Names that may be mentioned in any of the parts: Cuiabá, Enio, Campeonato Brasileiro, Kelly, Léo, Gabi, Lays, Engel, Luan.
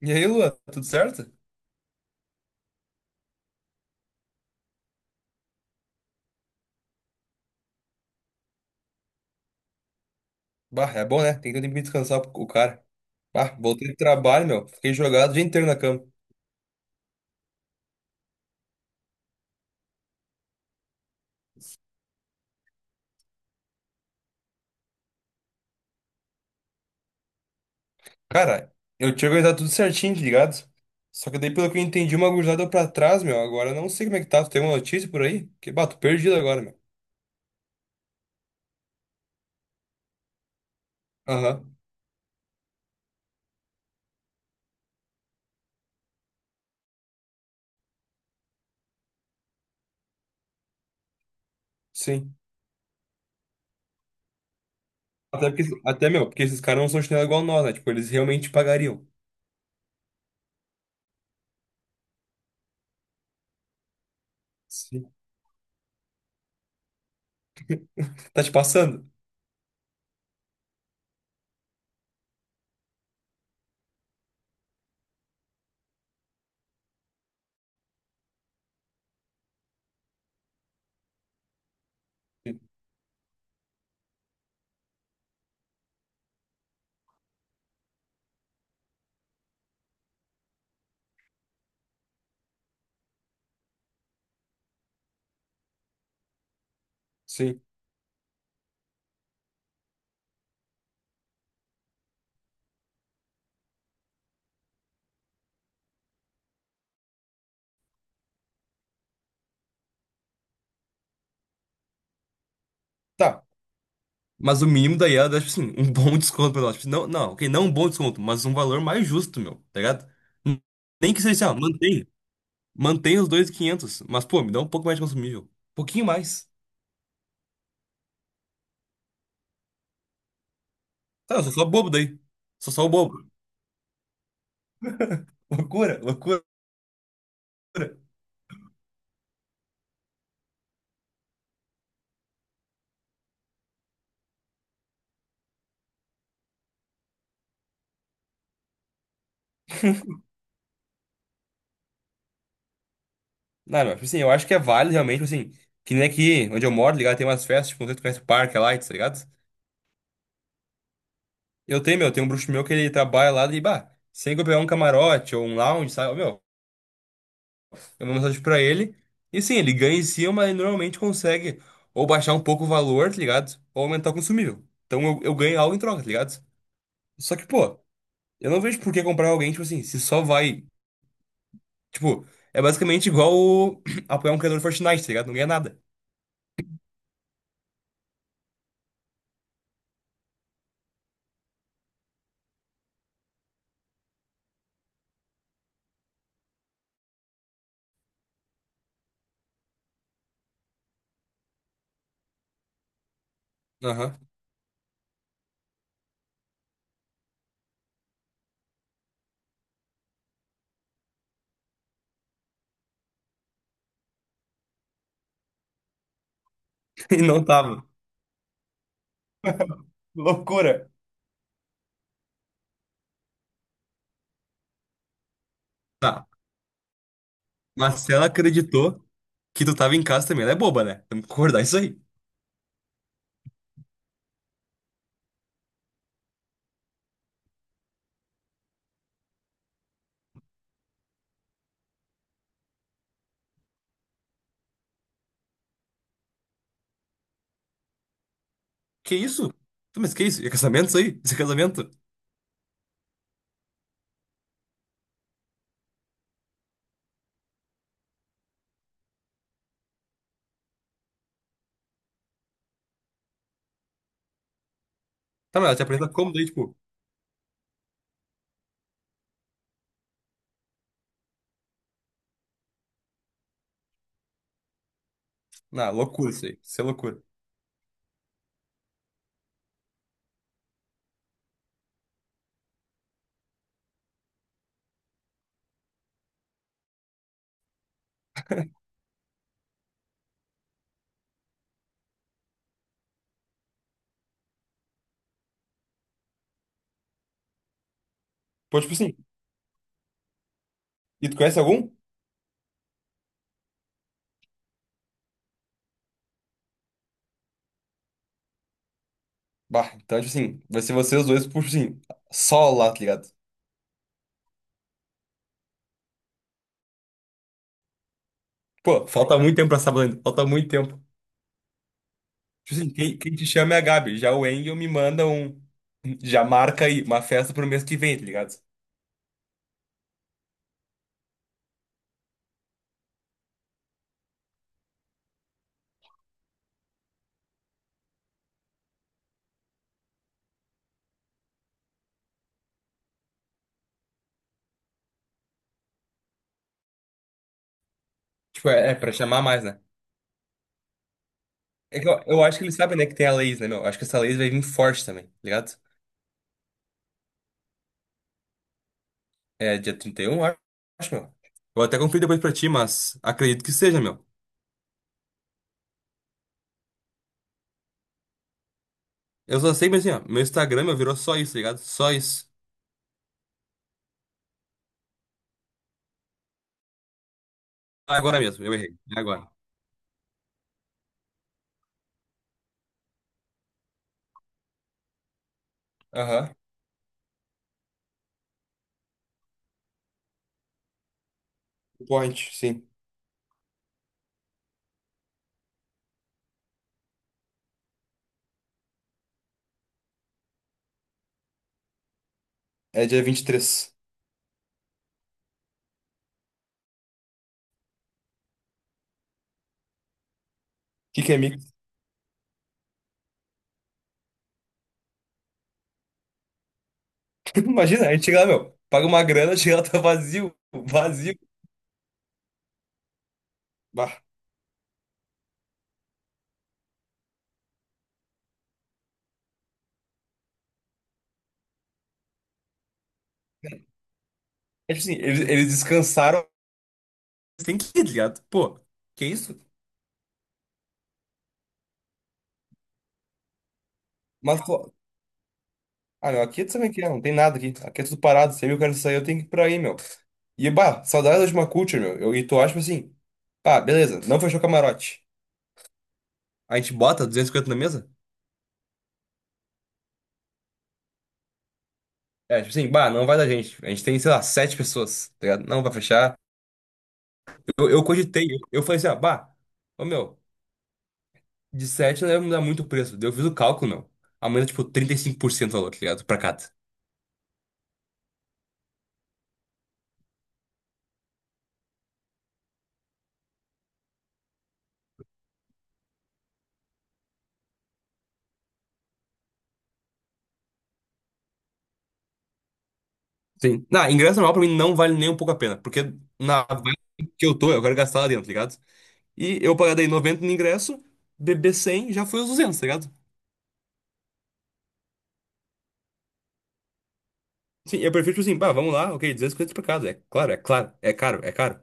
E aí, Luan, tudo certo? Bah, é bom, né? Tem que ter tempo de descansar o cara. Bah, voltei do trabalho, meu. Fiquei jogado o dia inteiro na cama. Cara, eu tinha organizado tudo certinho, tá ligado? Só que daí, pelo que eu entendi, uma gurizada deu pra trás, meu. Agora eu não sei como é que tá. Tu tem uma notícia por aí? Que, bah, tô perdido agora, meu. Aham, sim. Até porque, até, meu, porque esses caras não são chinelo igual nós, né? Tipo, eles realmente pagariam. Sim. Tá te passando? Sim. Sim. Tá. Mas o mínimo daí era, tipo assim, um bom desconto pra nós. Tipo, não, não, ok, não um bom desconto, mas um valor mais justo, meu, tá ligado? Nem que seja assim, ó, mantém. Mantém os 2.500 mas, pô, me dá um pouco mais de consumível. Um pouquinho mais. Tá, eu sou só bobo daí. Sou só o bobo. Loucura, loucura. Não, não, tipo assim, eu acho que é válido realmente, tipo assim, que nem aqui onde eu moro, tá ligado? Tem umas festas, tipo, não sei se tu conhece o Parque lá, tá ligado? Eu tenho, meu, tem um bruxo meu que ele trabalha lá e, bah, sem que eu pegar um camarote ou um lounge, sabe? Ô, meu, é uma mensagem pra ele. E sim, ele ganha em cima, mas ele normalmente consegue ou baixar um pouco o valor, tá ligado? Ou aumentar o consumível. Então eu ganho algo em troca, tá ligado? Só que, pô, eu não vejo por que comprar alguém, tipo assim, se só vai. Tipo, é basicamente igual o- apoiar um criador de Fortnite, tá ligado? Não ganha nada. Aham. E não tava. Loucura. Tá. Mas se ela acreditou que tu tava em casa também, ela é boba, né? Temos que concordar isso aí. Que isso? Tá, mas que isso? É casamento isso aí? Isso é casamento? Tá, mas ela te apresenta como daí, tipo. Na, loucura isso aí. Isso é loucura. Pô, tipo assim, e tu conhece algum? Bah, então, tipo assim, vai ser vocês dois, por, tipo assim, só lá, tá ligado? Pô, falta muito tempo pra sábado ainda, falta muito tempo. Tipo assim, quem te chama é a Gabi, já o Engel me manda um. Já marca aí, uma festa pro mês que vem, tá ligado? Tipo, é pra chamar mais, né? É que eu acho que eles sabem, né, que tem a Lays, né, meu? Acho que essa Lays vai vir forte também, tá ligado? É dia 31, eu acho, meu. Vou até conferir depois pra ti, mas acredito que seja, meu. Eu só sei, mas assim, ó, meu Instagram, meu, virou só isso, tá ligado? Só isso. Agora mesmo, eu errei. É agora. Aham. Point, sim. É dia 23. O que que é mix? Imagina, a gente chega lá, meu. Paga uma grana, chega lá, tá vazio. Vazio. Bah. É tipo assim, eles descansaram. Tem que ir, tá ligado? Pô, que isso? Mas, pô. Ah, meu, aqui tu sabe o que é, não tem nada aqui. Aqui é tudo parado. Se eu quero sair, eu tenho que ir pra aí, meu. E, bah, saudade da última culture, meu. E tu acha, tipo assim, pá, beleza, não fechou o camarote. A gente bota 250 na mesa? É, tipo assim, bah, não vai da gente. A gente tem, sei lá, sete pessoas, tá ligado? Não vai fechar. Eu cogitei, eu falei assim, ah, bah, ô meu, de 7 não deve mudar muito o preço. Daí eu fiz o cálculo, meu. Aumenta, tipo, 35% o valor, tá ligado? Pra cada. Sim. Não, ingresso normal pra mim não vale nem um pouco a pena, porque na vibe que eu tô, eu quero gastar lá dentro, tá ligado? E eu pagar daí 90 no ingresso, beber 100 já foi os 200, tá ligado? Sim, eu prefiro, tipo assim, bah, vamos lá, ok, 250 pra casa. É claro, é claro, é caro, é caro.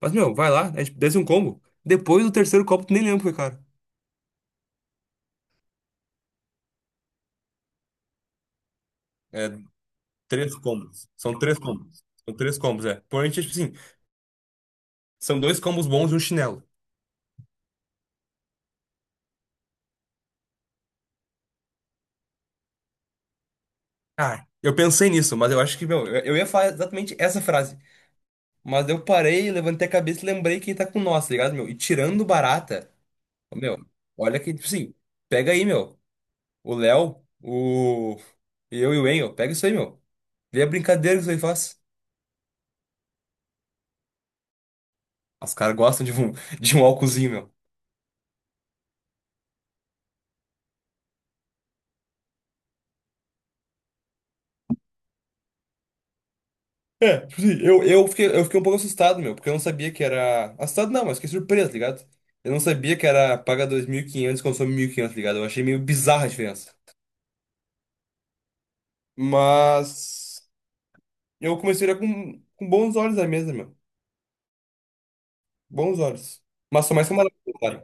Mas, meu, vai lá, é, tipo, desce um combo. Depois do terceiro copo, tu nem lembra que foi caro. É, três combos. São três combos. São três combos, é. Porém, tipo assim, são dois combos bons e um chinelo. Ah, eu pensei nisso, mas eu acho que, meu, eu ia falar exatamente essa frase. Mas eu parei, levantei a cabeça e lembrei que tá com nós, tá ligado, meu? E tirando barata, ô, meu, olha que, tipo assim, pega aí, meu. O Léo, o. Eu e o Enio, pega isso aí, meu. Vê a brincadeira que isso aí faz. Os caras gostam de um, de um álcoolzinho, meu. É, tipo assim, eu fiquei um pouco assustado, meu, porque eu não sabia que era. Assustado não, mas fiquei surpreso, tá ligado? Eu não sabia que era paga 2.500, e consome 1.500, tá ligado? Eu achei meio bizarra a diferença. Mas. Eu comecei a olhar com bons olhos a mesa, meu. Bons olhos. Mas sou mais camarada, claro.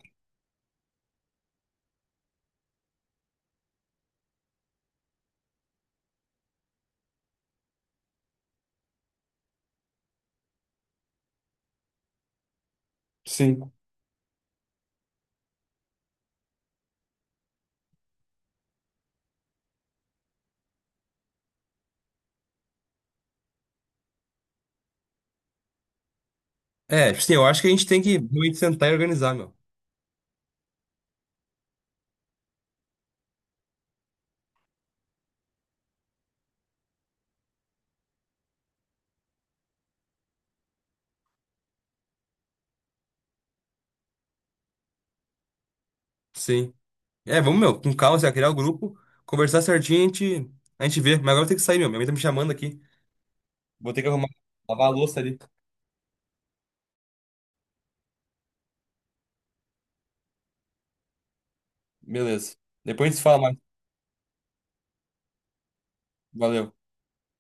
Sim. É, tipo assim, eu acho que a gente tem que realmente sentar e organizar, meu. Sim. É, vamos, meu, com calma, assim, ó, criar o grupo, conversar certinho, a gente vê. Mas agora eu tenho que sair, meu. Minha mãe tá me chamando aqui. Vou ter que arrumar, lavar a louça ali. Beleza. Depois a gente se fala mais. Valeu.